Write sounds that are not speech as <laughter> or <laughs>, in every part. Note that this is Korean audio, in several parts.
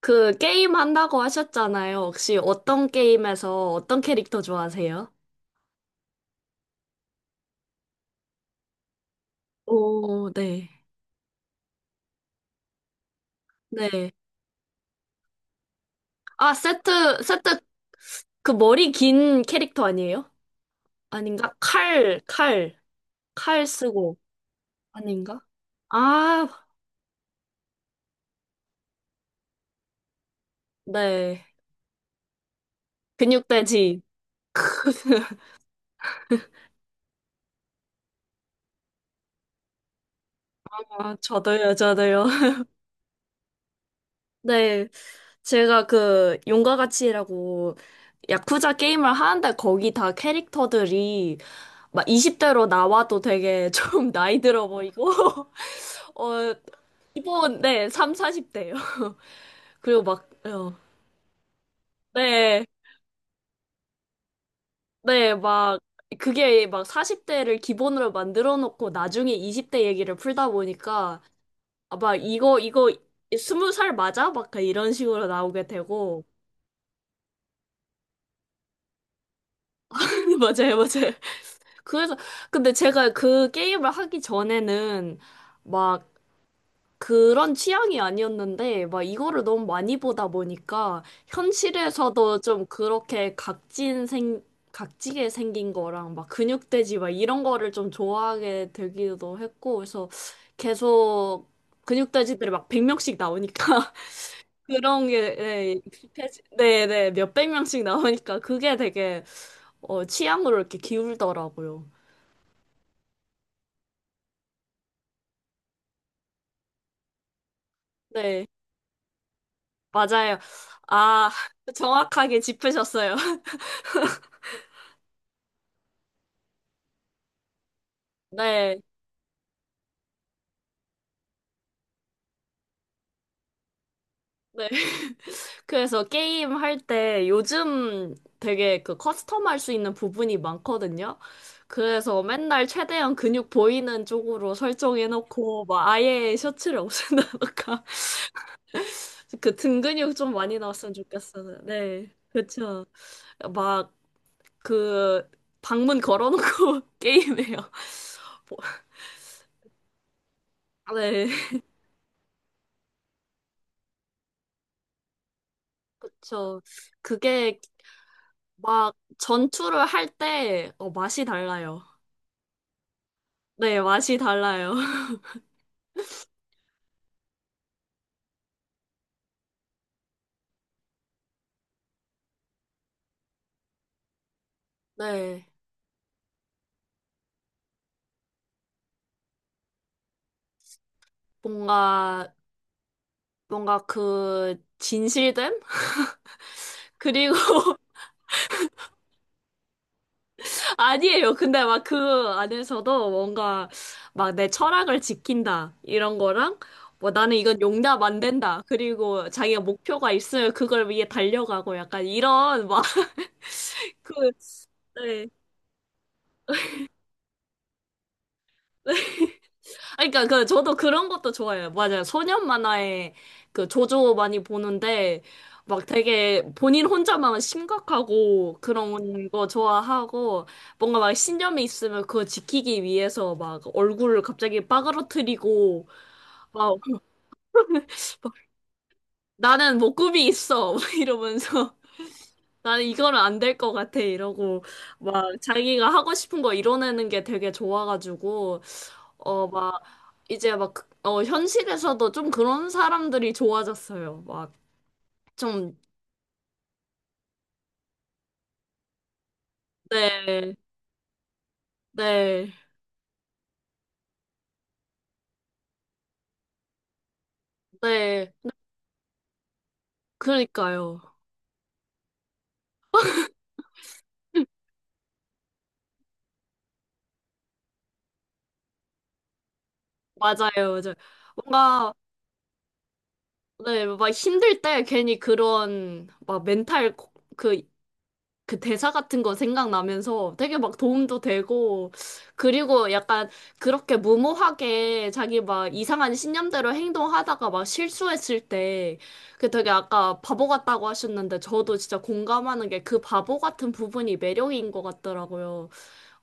그 게임 한다고 하셨잖아요. 혹시 어떤 게임에서 어떤 캐릭터 좋아하세요? 오, 네. 네. 아, 세트, 세트, 그 머리 긴 캐릭터 아니에요? 아닌가? 칼, 칼, 칼 쓰고. 아닌가? 아, 네. 근육돼지. <laughs> 아, 저도요, 저도요. 네, 제가 그 용과 같이라고 야쿠자 게임을 하는데 거기 다 캐릭터들이 막 20대로 나와도 되게 좀 <laughs> 나이 들어 보이고 <laughs> 어 기본 네, 3, 40대요. <laughs> 그리고 막 네, 네, 막 그게 막 40대를 기본으로 만들어 놓고 나중에 20대 얘기를 풀다 보니까 아마 이거 20살 맞아? 막 이런 식으로 나오게 되고 <laughs> 맞아요, 맞아요. 그래서 근데 제가 그 게임을 하기 전에는 막 그런 취향이 아니었는데 막 이거를 너무 많이 보다 보니까 현실에서도 좀 그렇게 각진 생 각지게 생긴 거랑 막 근육돼지 막 이런 거를 좀 좋아하게 되기도 했고 그래서 계속 근육돼지들이 막 100명씩 나오니까 <laughs> 그런 게 네, 익숙해지 네네 몇백 명씩 나오니까 그게 되게 취향으로 이렇게 기울더라고요. 네. 맞아요. 아, 정확하게 짚으셨어요. <laughs> 네, 네. 그래서 게임 할 때 요즘 되게 그 커스텀 할 수 있는 부분이 많거든요. 그래서 맨날 최대한 근육 보이는 쪽으로 설정해놓고 막 아예 셔츠를 없앤다던가 <laughs> 그 등 근육 좀 많이 나왔으면 좋겠어요. 네, 그쵸. 막 그 방문 걸어놓고 <laughs> 게임해요. <laughs> 네, 그쵸. 그게 막 전투를 할 때, 맛이 달라요. 네, 맛이 달라요. <laughs> 네. 뭔가, 뭔가 그, 진실됨? 그리고, <laughs> 아니에요. 근데 막 그 안에서도 뭔가, 막 내 철학을 지킨다. 이런 거랑, 뭐 나는 이건 용납 안 된다. 그리고 자기가 목표가 있으면 그걸 위해 달려가고 약간 이런, 막, <laughs> 그, 네. 아니, 그러니까 그 저도 그런 것도 좋아해요. 맞아요. 소년 만화에 그 조조 많이 보는데 막 되게 본인 혼자만 심각하고 그런 거 좋아하고 뭔가 막 신념이 있으면 그거 지키기 위해서 막 얼굴을 갑자기 빠그러뜨리고 막 나는 목구비 있어 <laughs> 막 이러면서 나는 이거는 안 될 것 같아 이러고 막 자기가 하고 싶은 거 이뤄내는 게 되게 좋아가지고 막 이제 막 현실에서도 좀 그런 사람들이 좋아졌어요. 막 좀 네, 네, 네, 그러니까요. 맞아요. 이제 뭔가 네, 막 힘들 때 괜히 그런 막 멘탈 그 그 대사 같은 거 생각나면서 되게 막 도움도 되고, 그리고 약간 그렇게 무모하게 자기 막 이상한 신념대로 행동하다가 막 실수했을 때, 그 되게 아까 바보 같다고 하셨는데, 저도 진짜 공감하는 게 그 바보 같은 부분이 매력인 것 같더라고요.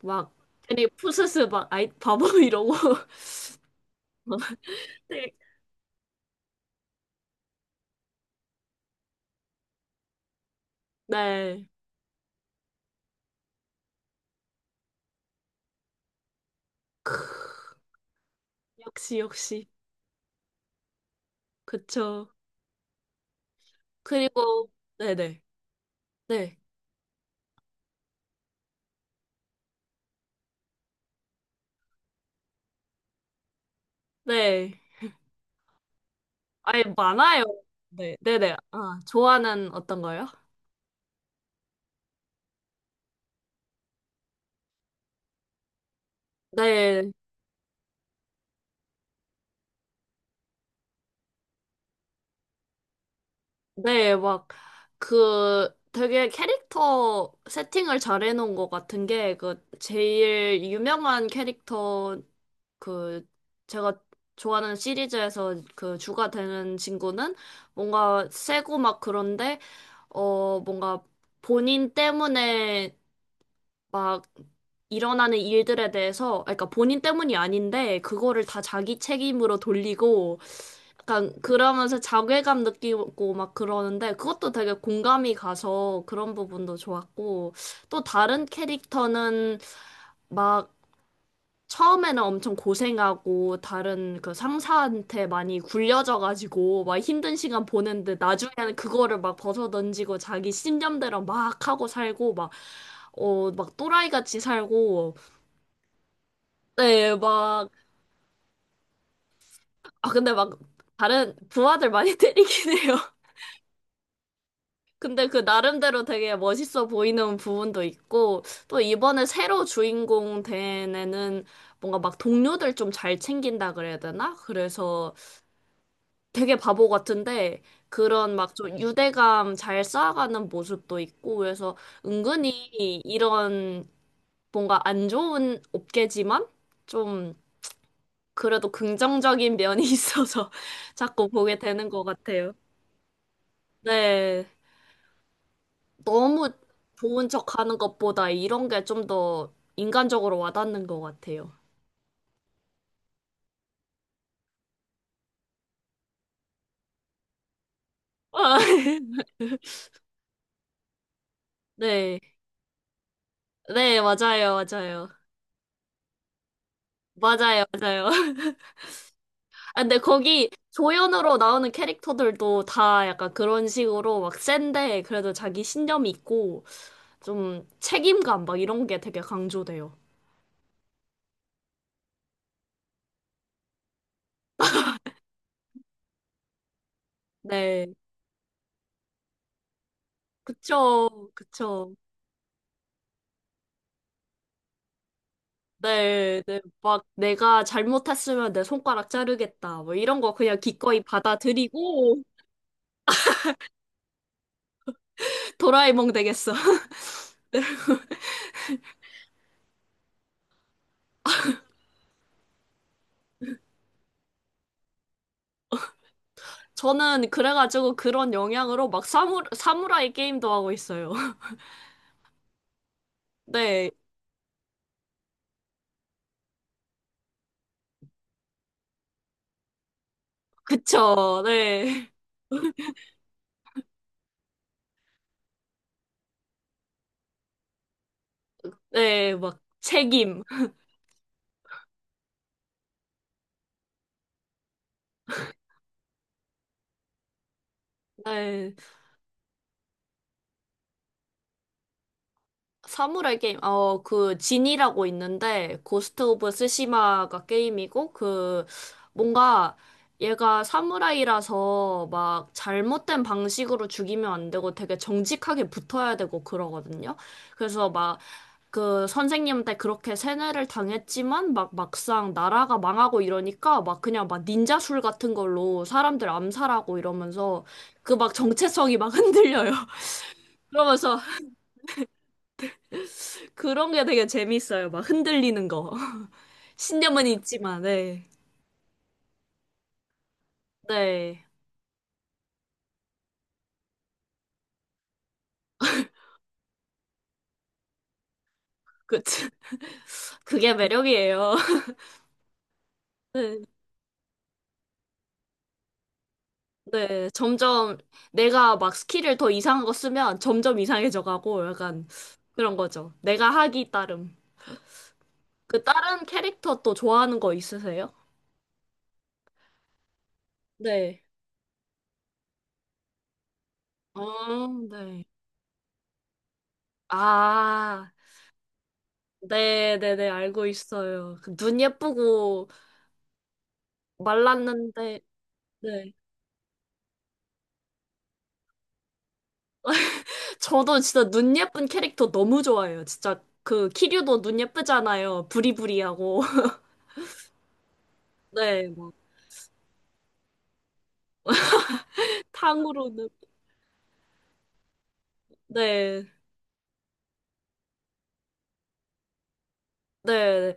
막 괜히 푸스스 막 아이, 바보 <laughs> 이러고. <laughs> 네. 네. 크, 역시, 역시. 그쵸. 그리고, 네네. 네. 네. 아예 많아요. 네, 네네. 아, 좋아하는 어떤 거요? 네, 네, 막, 그, 되게 캐릭터 세팅을 잘 해놓은 것 같은 게, 그, 제일 유명한 캐릭터, 그, 제가 좋아하는 시리즈에서 그 주가 되는 친구는 뭔가 세고 막 그런데, 뭔가 본인 때문에 막 일어나는 일들에 대해서, 그러니까 본인 때문이 아닌데, 그거를 다 자기 책임으로 돌리고, 약간 그러면서 자괴감 느끼고 막 그러는데, 그것도 되게 공감이 가서 그런 부분도 좋았고, 또 다른 캐릭터는 막 처음에는 엄청 고생하고 다른 그 상사한테 많이 굴려져가지고 막 힘든 시간 보는데 나중에는 그거를 막 벗어던지고 자기 신념대로 막 하고 살고 막 막 또라이 같이 살고 네, 막 아, 근데 막 다른 부하들 많이 <laughs> 때리긴 해요. 근데 그 나름대로 되게 멋있어 보이는 부분도 있고 또 이번에 새로 주인공 된 애는 뭔가 막 동료들 좀 잘 챙긴다 그래야 되나? 그래서 되게 바보 같은데 그런 막 좀 유대감 잘 쌓아가는 모습도 있고 그래서 은근히 이런 뭔가 안 좋은 업계지만 좀 그래도 긍정적인 면이 <laughs> 있어서 자꾸 보게 되는 것 같아요. 네. 너무 좋은 척 하는 것보다 이런 게 좀 더 인간적으로 와닿는 것 같아요. <laughs> 네. 네, 맞아요, 맞아요. 맞아요, 맞아요. 아, 근데 거기 조연으로 나오는 캐릭터들도 다 약간 그런 식으로 막 센데 그래도 자기 신념이 있고 좀 책임감 막 이런 게 되게 강조돼요. 네, 그쵸, 그쵸. 네, 네, 막 내가 잘못했으면 내 손가락 자르겠다. 뭐 이런 거 그냥 기꺼이 받아들이고 <laughs> 도라에몽 되겠어. <laughs> 저는 그래가지고 그런 영향으로 막 사무라이 게임도 하고 있어요. <laughs> 네, 그쵸, 네, 네, 막 책임. 네. 사무라이 게임, 그, 진이라고 있는데, 고스트 오브 스시마가 게임이고, 그, 뭔가, 얘가 사무라이라서 막 잘못된 방식으로 죽이면 안 되고 되게 정직하게 붙어야 되고 그러거든요. 그래서 막 그 선생님한테 그렇게 세뇌를 당했지만 막 막상 나라가 망하고 이러니까 막 그냥 막 닌자술 같은 걸로 사람들 암살하고 이러면서 그 막 정체성이 막 흔들려요. <laughs> 그러면서 그런 게 되게 재밌어요. 막 흔들리는 거. <laughs> 신념은 있지만, 네. 네. 그, <laughs> 그게 매력이에요. <laughs> 네. 네. 점점 내가 막 스킬을 더 이상한 거 쓰면 점점 이상해져 가고 약간 그런 거죠. 내가 하기 따름. 그 다른 캐릭터 또 좋아하는 거 있으세요? 네. 어, 네. 아, 네네네. 알고 있어요. 그눈 예쁘고 말랐는데, 네. 저도 진짜 눈 예쁜 캐릭터 너무 좋아해요. 진짜 그 키류도 눈 예쁘잖아요. 부리부리하고. <laughs> 네, 뭐 탕후루는 네. 네. 네.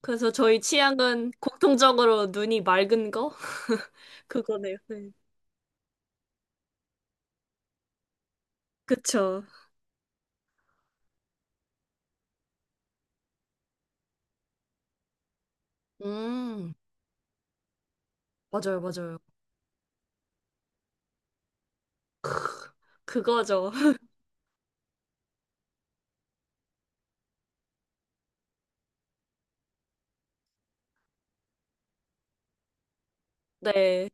그래서 저희 취향은 공통적으로 눈이 맑은 거 <laughs> 그거네요. 네. 그쵸. 음. 맞아요, 맞아요. 크, 그거죠. <laughs> 네.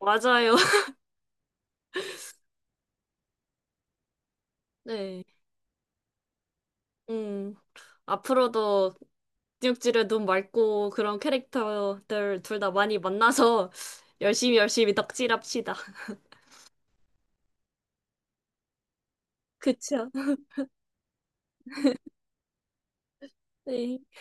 맞아요. <laughs> 네. 음. 앞으로도 뉴욕지를 눈 맑고 그런 캐릭터들 둘 다 많이 만나서 <laughs> 열심히 열심히 덕질합시다. 그쵸. <laughs> 네.